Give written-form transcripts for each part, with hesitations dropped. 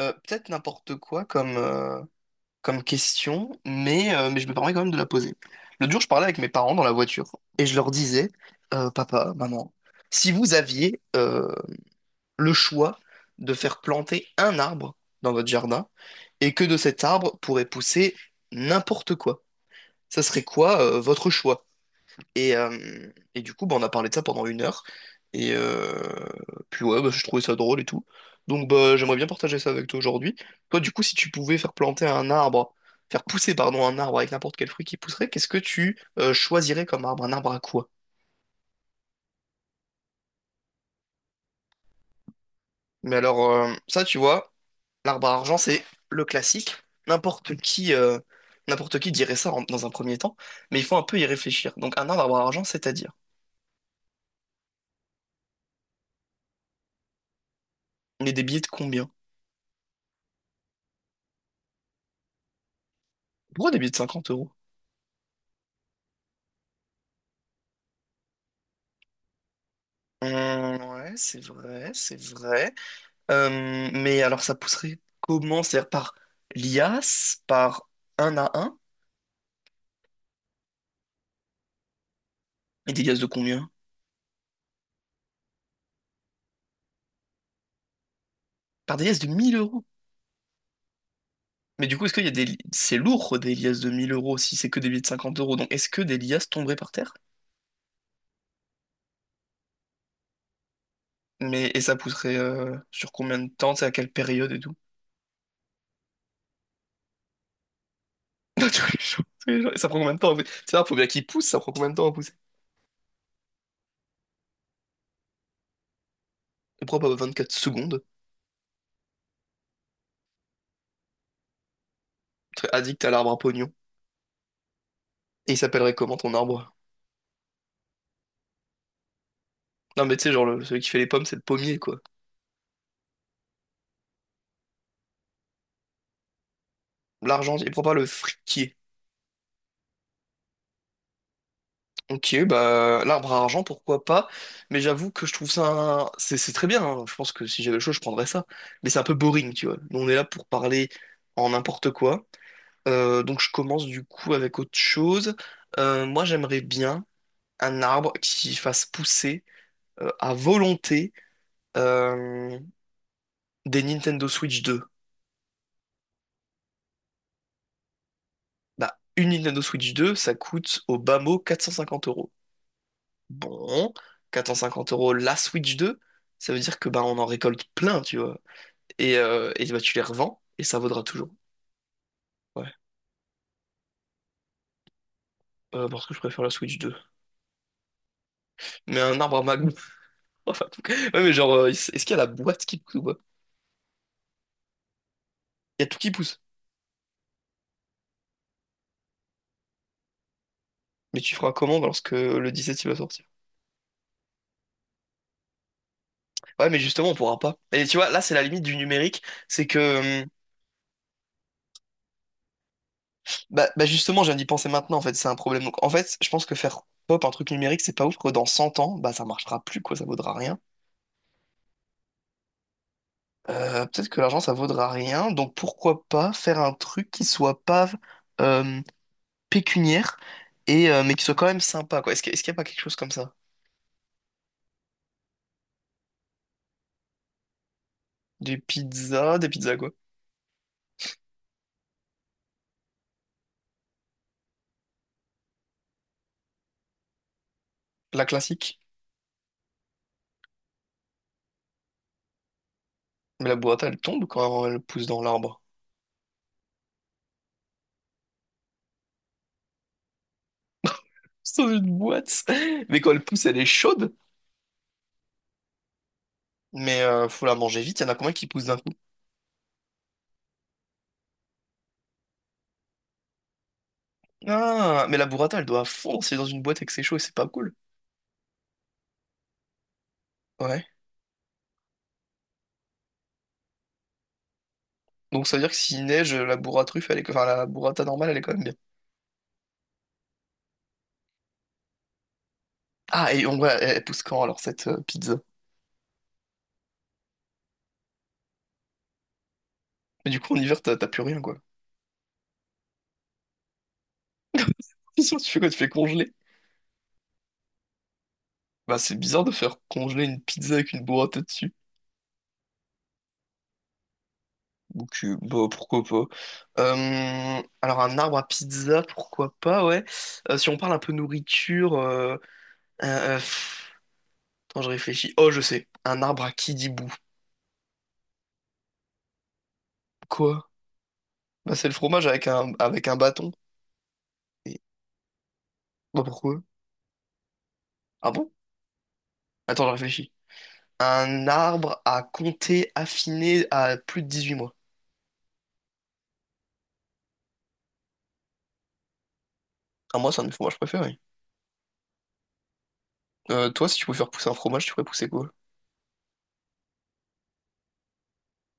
Peut-être n'importe quoi comme question, mais je me permets quand même de la poser. L'autre jour, je parlais avec mes parents dans la voiture et je leur disais, papa, maman, si vous aviez le choix de faire planter un arbre dans votre jardin et que de cet arbre pourrait pousser n'importe quoi, ça serait quoi votre choix? Et du coup, bah, on a parlé de ça pendant une heure. Et euh, Puis ouais, bah, je trouvais ça drôle et tout. Donc bah, j'aimerais bien partager ça avec toi aujourd'hui. Toi, du coup, si tu pouvais faire planter un arbre, faire pousser, pardon, un arbre avec n'importe quel fruit qui pousserait, qu'est-ce que tu choisirais comme arbre? Un arbre à quoi? Mais alors, ça, tu vois, l'arbre à argent, c'est le classique. N'importe qui, euh, n'importe qui dirait ça dans un premier temps, mais il faut un peu y réfléchir. Donc un arbre à argent, c'est-à-dire, on est des billets de combien? Pourquoi des billets de 50 euros? Hum, ouais, c'est vrai, c'est vrai. Mais alors, ça pousserait comment? C'est-à-dire par liasse, par un à un. Et des liasses de combien? Par des liasses de 1000 euros. Mais du coup, est-ce qu'il y a des... C'est lourd, des liasses de mille euros, si c'est que des billets de 50 euros. Donc, est-ce que des liasses tomberaient par terre? Mais, et ça pousserait sur combien de temps? C'est à quelle période et tout? Tous les jours, tous les jours. Et ça prend combien de temps? En fait, c'est ça, faut bien qu'il pousse, ça prend combien de temps à pousser? Je crois pas 24 secondes. Très addict à l'arbre à pognon. Et il s'appellerait comment ton arbre? Non, mais tu sais, genre, celui qui fait les pommes, c'est le pommier, quoi. L'argentier, pourquoi pas le friquier? Ok, bah, l'arbre à argent, pourquoi pas? Mais j'avoue que je trouve ça. C'est très bien, hein. Je pense que si j'avais le choix, je prendrais ça. Mais c'est un peu boring, tu vois. Nous, on est là pour parler en n'importe quoi. Donc, je commence du coup avec autre chose. Moi, j'aimerais bien un arbre qui fasse pousser à volonté euh, des Nintendo Switch 2. Bah, une Nintendo Switch 2, ça coûte au bas mot 450 euros. Bon, 450 euros la Switch 2, ça veut dire que bah on en récolte plein, tu vois. Et bah tu les revends et ça vaudra toujours. Ouais. Parce que je préfère la Switch 2. Mais un arbre à Magnum. Enfin, en tout cas. Ouais, mais genre, est-ce qu'il y a la boîte qui pousse ou pas? Il y a tout qui pousse. Mais tu feras comment lorsque le 17 il va sortir? Ouais, mais justement, on pourra pas. Et tu vois, là, c'est la limite du numérique. C'est que, bah justement, j'ai viens d'y penser maintenant, en fait, c'est un problème. Donc, en fait, je pense que faire pop un truc numérique, c'est pas ouf, que dans 100 ans, bah, ça marchera plus, quoi, ça vaudra rien. Peut-être que l'argent, ça vaudra rien. Donc pourquoi pas faire un truc qui soit pas euh, pécuniaire, mais qui soit quand même sympa, quoi. Est-ce qu'il n'y a pas quelque chose comme ça? Des pizzas quoi? La classique. Mais la boîte, elle tombe quand elle pousse dans l'arbre. C'est une boîte. Mais quand elle pousse, elle est chaude. Mais faut la manger vite. Il y en a combien qui poussent d'un coup? Ah, mais la burrata, elle doit fondre. C'est dans une boîte et que c'est chaud et c'est pas cool. Ouais. Donc ça veut dire que s'il neige, la burra truffe, elle est... enfin la burrata normale, elle est quand même bien. Ah, et elle pousse quand alors cette pizza? Mais du coup, en hiver, t'as plus rien, quoi. Qu'est-ce que tu fais quoi? Tu fais congeler? Bah, c'est bizarre de faire congeler une pizza avec une burrata dessus. Donc, bah, pourquoi pas. Alors, un arbre à pizza, pourquoi pas, ouais. Si on parle un peu nourriture, euh, euh, pff, attends, je réfléchis. Oh, je sais. Un arbre à kidibou. Quoi? Bah, c'est le fromage avec un bâton. Et, bah, pourquoi? Ah bon? Attends, je réfléchis. Un arbre à compter affiné à plus de 18 mois. Ah, moi, c'est un de mes fromages préférés. Toi, si tu pouvais faire pousser un fromage, tu ferais pousser quoi?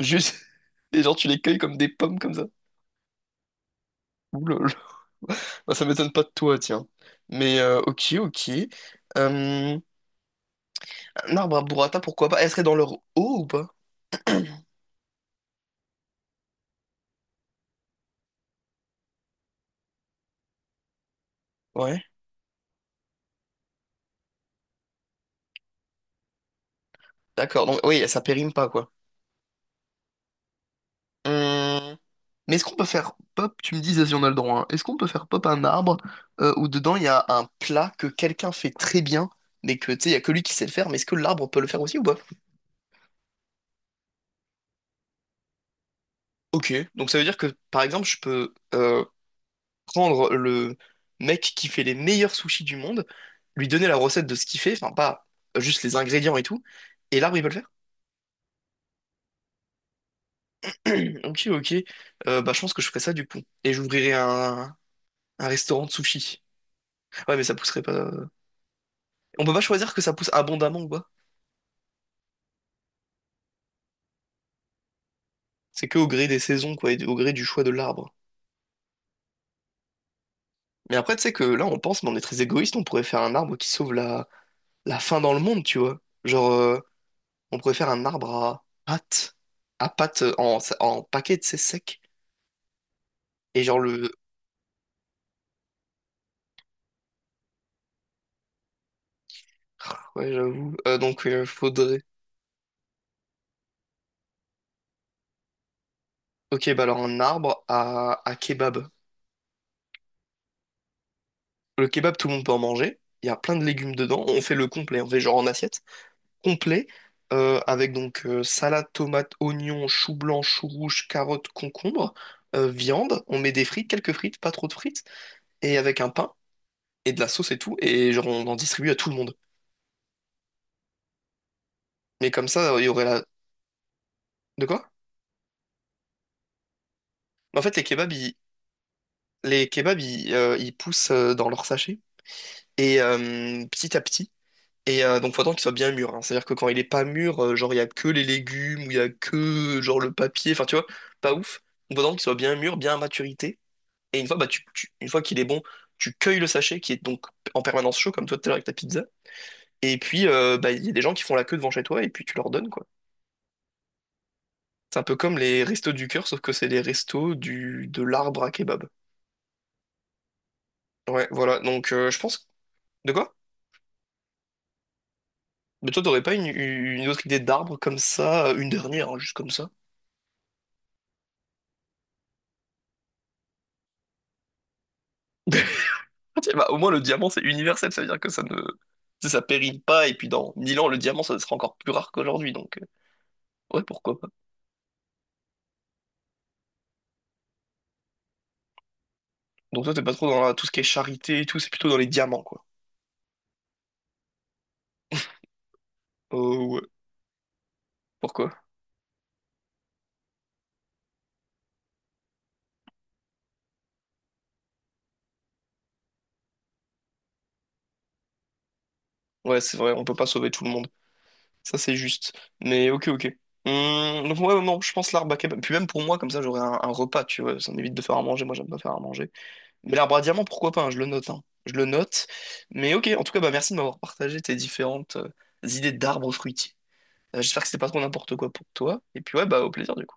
Juste, et genre, tu les cueilles comme des pommes comme ça. Ouh là là. Bah, ça m'étonne pas de toi, tiens. Mais, ok, ok. Euh, un arbre à burrata, pourquoi pas? Elle serait dans leur eau ou pas? Ouais. D'accord, donc oui, ça périme pas, quoi. Hum, Mais est-ce qu'on peut faire pop, tu me dis si on a le droit, hein. Est-ce qu'on peut faire pop un arbre où dedans il y a un plat que quelqu'un fait très bien, mais que tu sais, il y a que lui qui sait le faire, mais est-ce que l'arbre peut le faire aussi ou pas? Ok, donc ça veut dire que par exemple, je peux prendre le mec qui fait les meilleurs sushis du monde, lui donner la recette de ce qu'il fait, enfin pas juste les ingrédients et tout, et l'arbre il peut le faire. Ok, ok. Bah je pense que je ferai ça du coup, et j'ouvrirai un restaurant de sushis. Ouais, mais ça pousserait pas. On peut pas choisir que ça pousse abondamment ou quoi. C'est que au gré des saisons quoi, et au gré du choix de l'arbre. Mais après, tu sais que là on pense, mais on est très égoïste, on pourrait faire un arbre qui sauve la faim dans le monde, tu vois. Genre. On pourrait faire un arbre à pâte en paquet, c'est sec. Et genre le... ah, ouais, j'avoue. Donc, faudrait... Ok, bah alors un arbre à kebab. Le kebab, tout le monde peut en manger. Il y a plein de légumes dedans. On fait le complet. On fait genre en assiette. Complet, avec donc salade, tomate, oignon, chou blanc, chou rouge, carotte, concombre, viande. On met des frites, quelques frites, pas trop de frites. Et avec un pain et de la sauce et tout. Et genre, on en distribue à tout le monde. Mais comme ça, il y aurait la... De quoi? En fait, les kebabs, ils poussent dans leur sachet et petit à petit. Donc, faut attendre qu'il soit bien mûr, hein. C'est-à-dire que quand il est pas mûr, genre il y a que les légumes ou il y a que genre le papier. Enfin, tu vois, pas ouf. Donc, faut attendre qu'il soit bien mûr, bien à maturité. Et une fois, bah, une fois qu'il est bon, tu cueilles le sachet qui est donc en permanence chaud, comme toi tout à l'heure avec ta pizza. Et puis, bah, il y a des gens qui font la queue devant chez toi et puis tu leur donnes quoi. C'est un peu comme les restos du cœur, sauf que c'est les restos du de l'arbre à kebab. Ouais, voilà. Donc, je pense. De quoi? Mais toi, t'aurais pas une autre idée d'arbre comme ça, une dernière, hein, juste comme ça? Tiens, bah, au moins, le diamant, c'est universel, ça veut dire que ça ne... tu sais, ça pérille pas, et puis dans 1000 ans, le diamant, ça sera encore plus rare qu'aujourd'hui, donc... Ouais, pourquoi pas. Donc toi, t'es pas trop dans tout ce qui est charité et tout, c'est plutôt dans les diamants, quoi. Oh, ouais. Pourquoi? Ouais, c'est vrai, on peut pas sauver tout le monde. Ça, c'est juste. Mais ok, ok. Donc ouais, non, je pense l'arbre à kebab. Puis même pour moi, comme ça, j'aurais un repas, tu vois. Ça m'évite de faire à manger, moi, j'aime pas faire à manger. Mais l'arbre à diamant, pourquoi pas, hein, je le note, hein. Je le note. Mais ok, en tout cas, bah, merci de m'avoir partagé tes différentes idées d'arbres fruitiers. J'espère que c'était pas trop n'importe quoi pour toi. Et puis ouais, bah au plaisir du coup.